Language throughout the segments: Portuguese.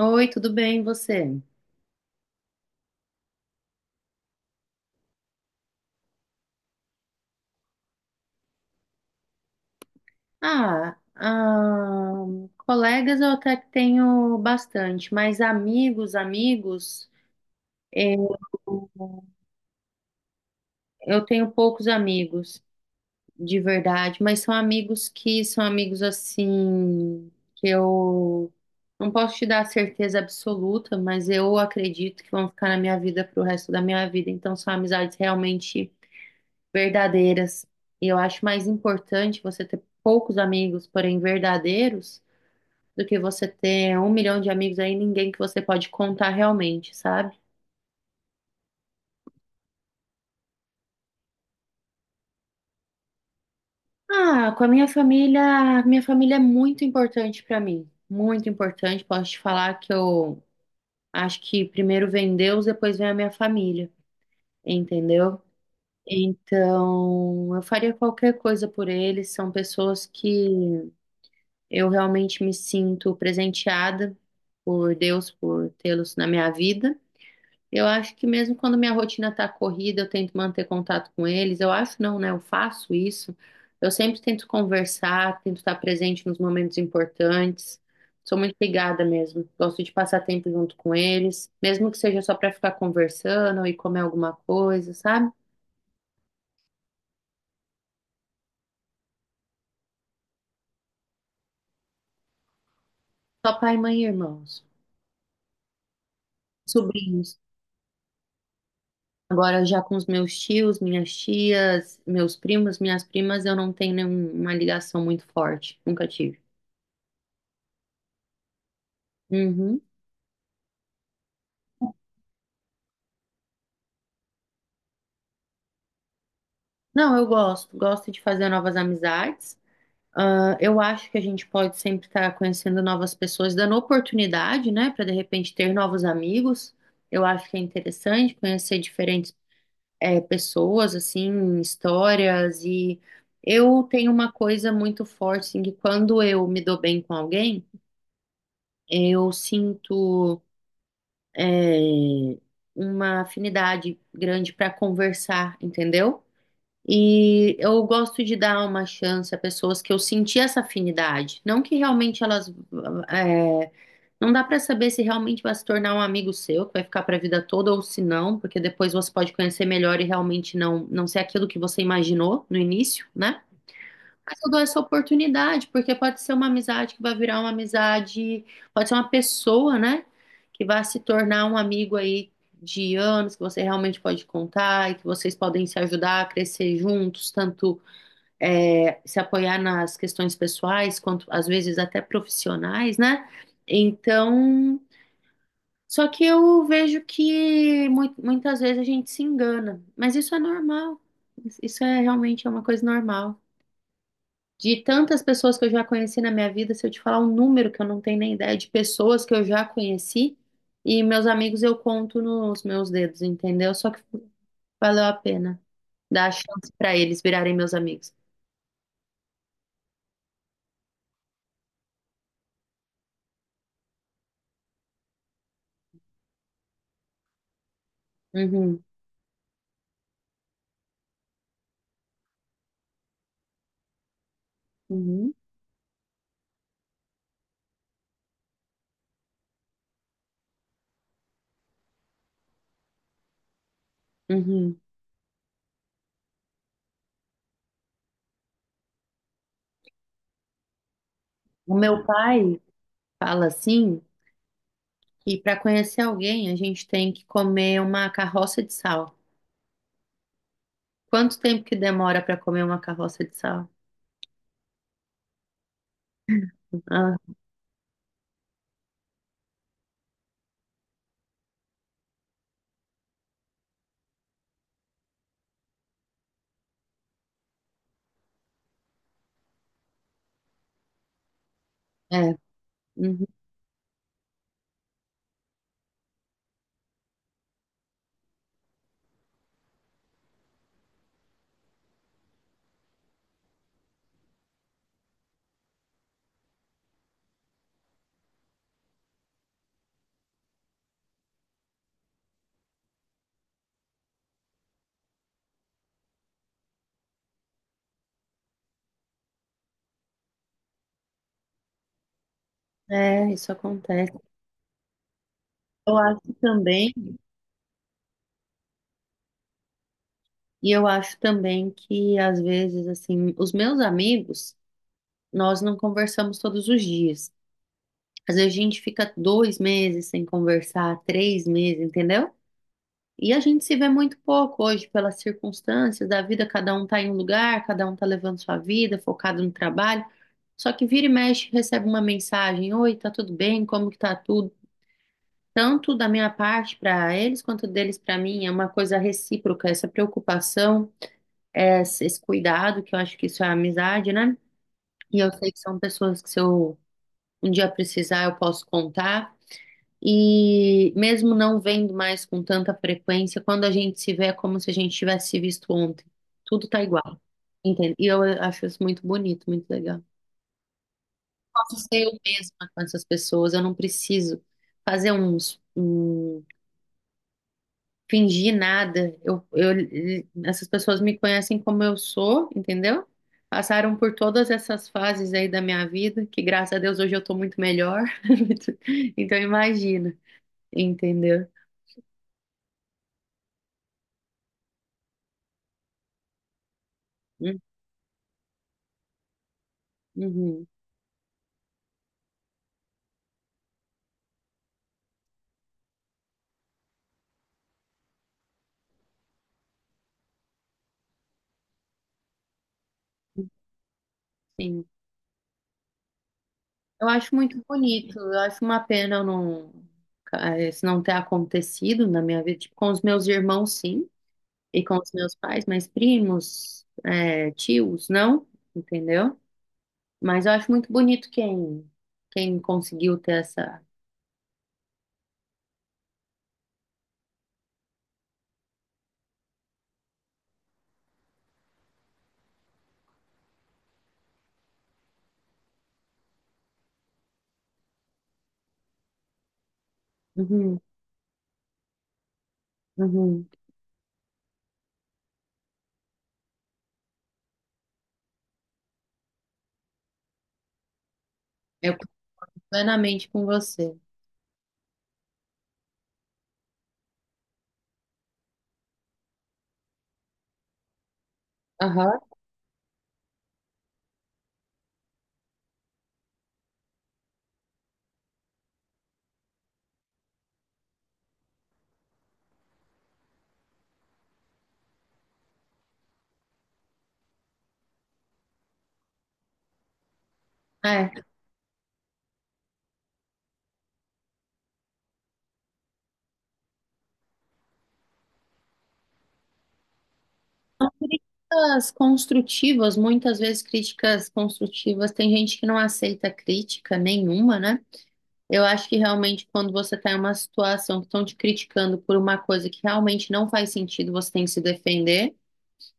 Oi, tudo bem, e você? Ah, colegas eu até que tenho bastante, mas amigos, amigos, eu, eu tenho poucos amigos, de verdade, mas são amigos que são amigos assim, que eu não posso te dar certeza absoluta, mas eu acredito que vão ficar na minha vida pro resto da minha vida, então são amizades realmente verdadeiras. E eu acho mais importante você ter poucos amigos, porém verdadeiros do que você ter um milhão de amigos aí, ninguém que você pode contar realmente, sabe? Ah, com a minha família é muito importante pra mim, muito importante. Posso te falar que eu acho que primeiro vem Deus, depois vem a minha família, entendeu? Então, eu faria qualquer coisa por eles. São pessoas que eu realmente me sinto presenteada por Deus por tê-los na minha vida. Eu acho que mesmo quando minha rotina tá corrida, eu tento manter contato com eles. Eu acho não, né? Eu faço isso. Eu sempre tento conversar, tento estar presente nos momentos importantes. Sou muito ligada mesmo. Gosto de passar tempo junto com eles, mesmo que seja só para ficar conversando e comer alguma coisa, sabe? Só pai, mãe e irmãos, sobrinhos. Agora já com os meus tios, minhas tias, meus primos, minhas primas, eu não tenho nenhuma ligação muito forte. Nunca tive. Uhum. Não, eu gosto, gosto de fazer novas amizades. Ah, eu acho que a gente pode sempre estar conhecendo novas pessoas, dando oportunidade, né, para de repente ter novos amigos. Eu acho que é interessante conhecer diferentes, pessoas, assim, histórias. E eu tenho uma coisa muito forte, assim, que quando eu me dou bem com alguém, eu sinto, eh, uma afinidade grande para conversar, entendeu? E eu gosto de dar uma chance a pessoas que eu senti essa afinidade. Não que realmente elas. É, não dá pra saber se realmente vai se tornar um amigo seu, que vai ficar pra vida toda, ou se não, porque depois você pode conhecer melhor e realmente não, não ser aquilo que você imaginou no início, né? Mas eu dou essa oportunidade, porque pode ser uma amizade que vai virar uma amizade, pode ser uma pessoa, né? Que vai se tornar um amigo aí de anos, que você realmente pode contar e que vocês podem se ajudar a crescer juntos, tanto é, se apoiar nas questões pessoais, quanto às vezes até profissionais, né? Então, só que eu vejo que muitas vezes a gente se engana, mas isso é normal. Isso é realmente é uma coisa normal. De tantas pessoas que eu já conheci na minha vida, se eu te falar um número que eu não tenho nem ideia de pessoas que eu já conheci e meus amigos eu conto nos meus dedos, entendeu? Só que valeu a pena dar a chance para eles virarem meus amigos. Uhum, uhum, uhum. O meu pai fala assim que para conhecer alguém a gente tem que comer uma carroça de sal. Quanto tempo que demora para comer uma carroça de sal? Ah, é. Uhum. É, isso acontece. Eu acho também. E eu acho também que, às vezes, assim, os meus amigos, nós não conversamos todos os dias. Às vezes a gente fica 2 meses sem conversar, 3 meses, entendeu? E a gente se vê muito pouco hoje pelas circunstâncias da vida, cada um tá em um lugar, cada um tá levando sua vida, focado no trabalho. Só que vira e mexe, recebe uma mensagem: Oi, tá tudo bem? Como que tá tudo? Tanto da minha parte para eles quanto deles para mim, é uma coisa recíproca, essa preocupação. Esse cuidado, que eu acho que isso é amizade, né? E eu sei que são pessoas que se eu um dia precisar, eu posso contar. E mesmo não vendo mais com tanta frequência, quando a gente se vê é como se a gente tivesse se visto ontem. Tudo tá igual, entende? E eu acho isso muito bonito, muito legal. Posso ser eu mesma com essas pessoas, eu não preciso fazer um fingir nada. Eu, essas pessoas me conhecem como eu sou, entendeu? Passaram por todas essas fases aí da minha vida, que graças a Deus hoje eu tô muito melhor. Então imagina, entendeu? Hum, Uhum, sim. Eu acho muito bonito, eu acho uma pena eu não, isso não ter acontecido na minha vida, tipo, com os meus irmãos, sim, e com os meus pais, mas primos, tios, não, entendeu? Mas eu acho muito bonito quem conseguiu ter essa. Uhum, uhum. Eu concordo plenamente com você. Aham. É. Críticas construtivas, muitas vezes críticas construtivas, tem gente que não aceita crítica nenhuma, né? Eu acho que realmente quando você está em uma situação que estão te criticando por uma coisa que realmente não faz sentido, você tem que se defender.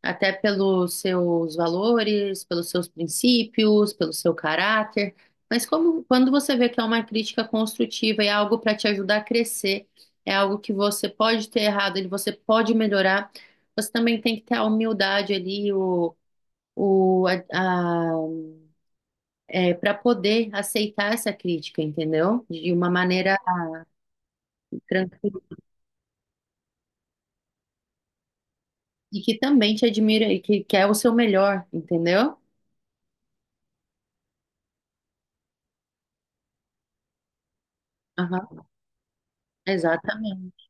Até pelos seus valores, pelos seus princípios, pelo seu caráter. Mas como, quando você vê que é uma crítica construtiva e é algo para te ajudar a crescer, é algo que você pode ter errado, ele você pode melhorar, você também tem que ter a humildade ali, o, a, para poder aceitar essa crítica, entendeu? De uma maneira tranquila e que também te admira e que quer o seu melhor, entendeu? Aham, exatamente.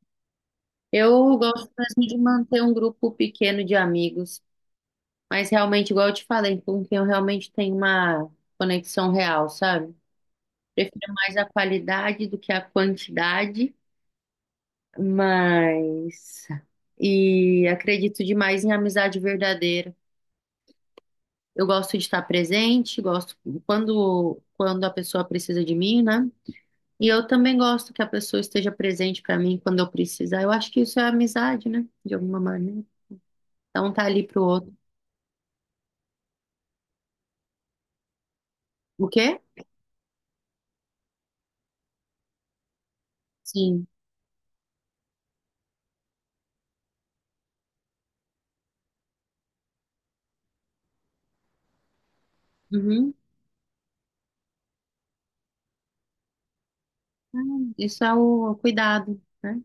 Eu gosto mesmo de manter um grupo pequeno de amigos, mas realmente, igual eu te falei, com quem eu realmente tenho uma conexão real, sabe? Prefiro mais a qualidade do que a quantidade, mas. E acredito demais em amizade verdadeira. Eu gosto de estar presente, gosto quando a pessoa precisa de mim, né? E eu também gosto que a pessoa esteja presente para mim quando eu precisar. Eu acho que isso é amizade, né? De alguma maneira. Então tá ali pro outro. O quê? Sim. Uhum. Ah, isso é o cuidado, né?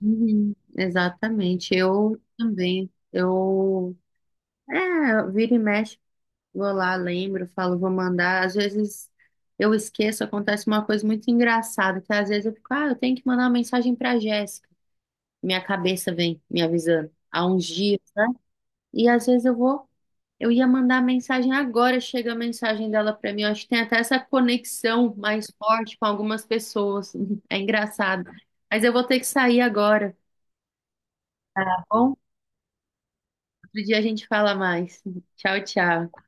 Uhum. Exatamente. Eu também. Eu, é, vira e mexe, vou lá, lembro, falo, vou mandar. Às vezes eu esqueço, acontece uma coisa muito engraçada, que às vezes eu fico, ah, eu tenho que mandar uma mensagem pra Jéssica. Minha cabeça vem me avisando há uns dias. Né? E às vezes eu vou. Eu ia mandar mensagem agora, chega a mensagem dela pra mim. Eu acho que tem até essa conexão mais forte com algumas pessoas. É engraçado. Mas eu vou ter que sair agora, tá bom? Outro dia a gente fala mais. Tchau, tchau.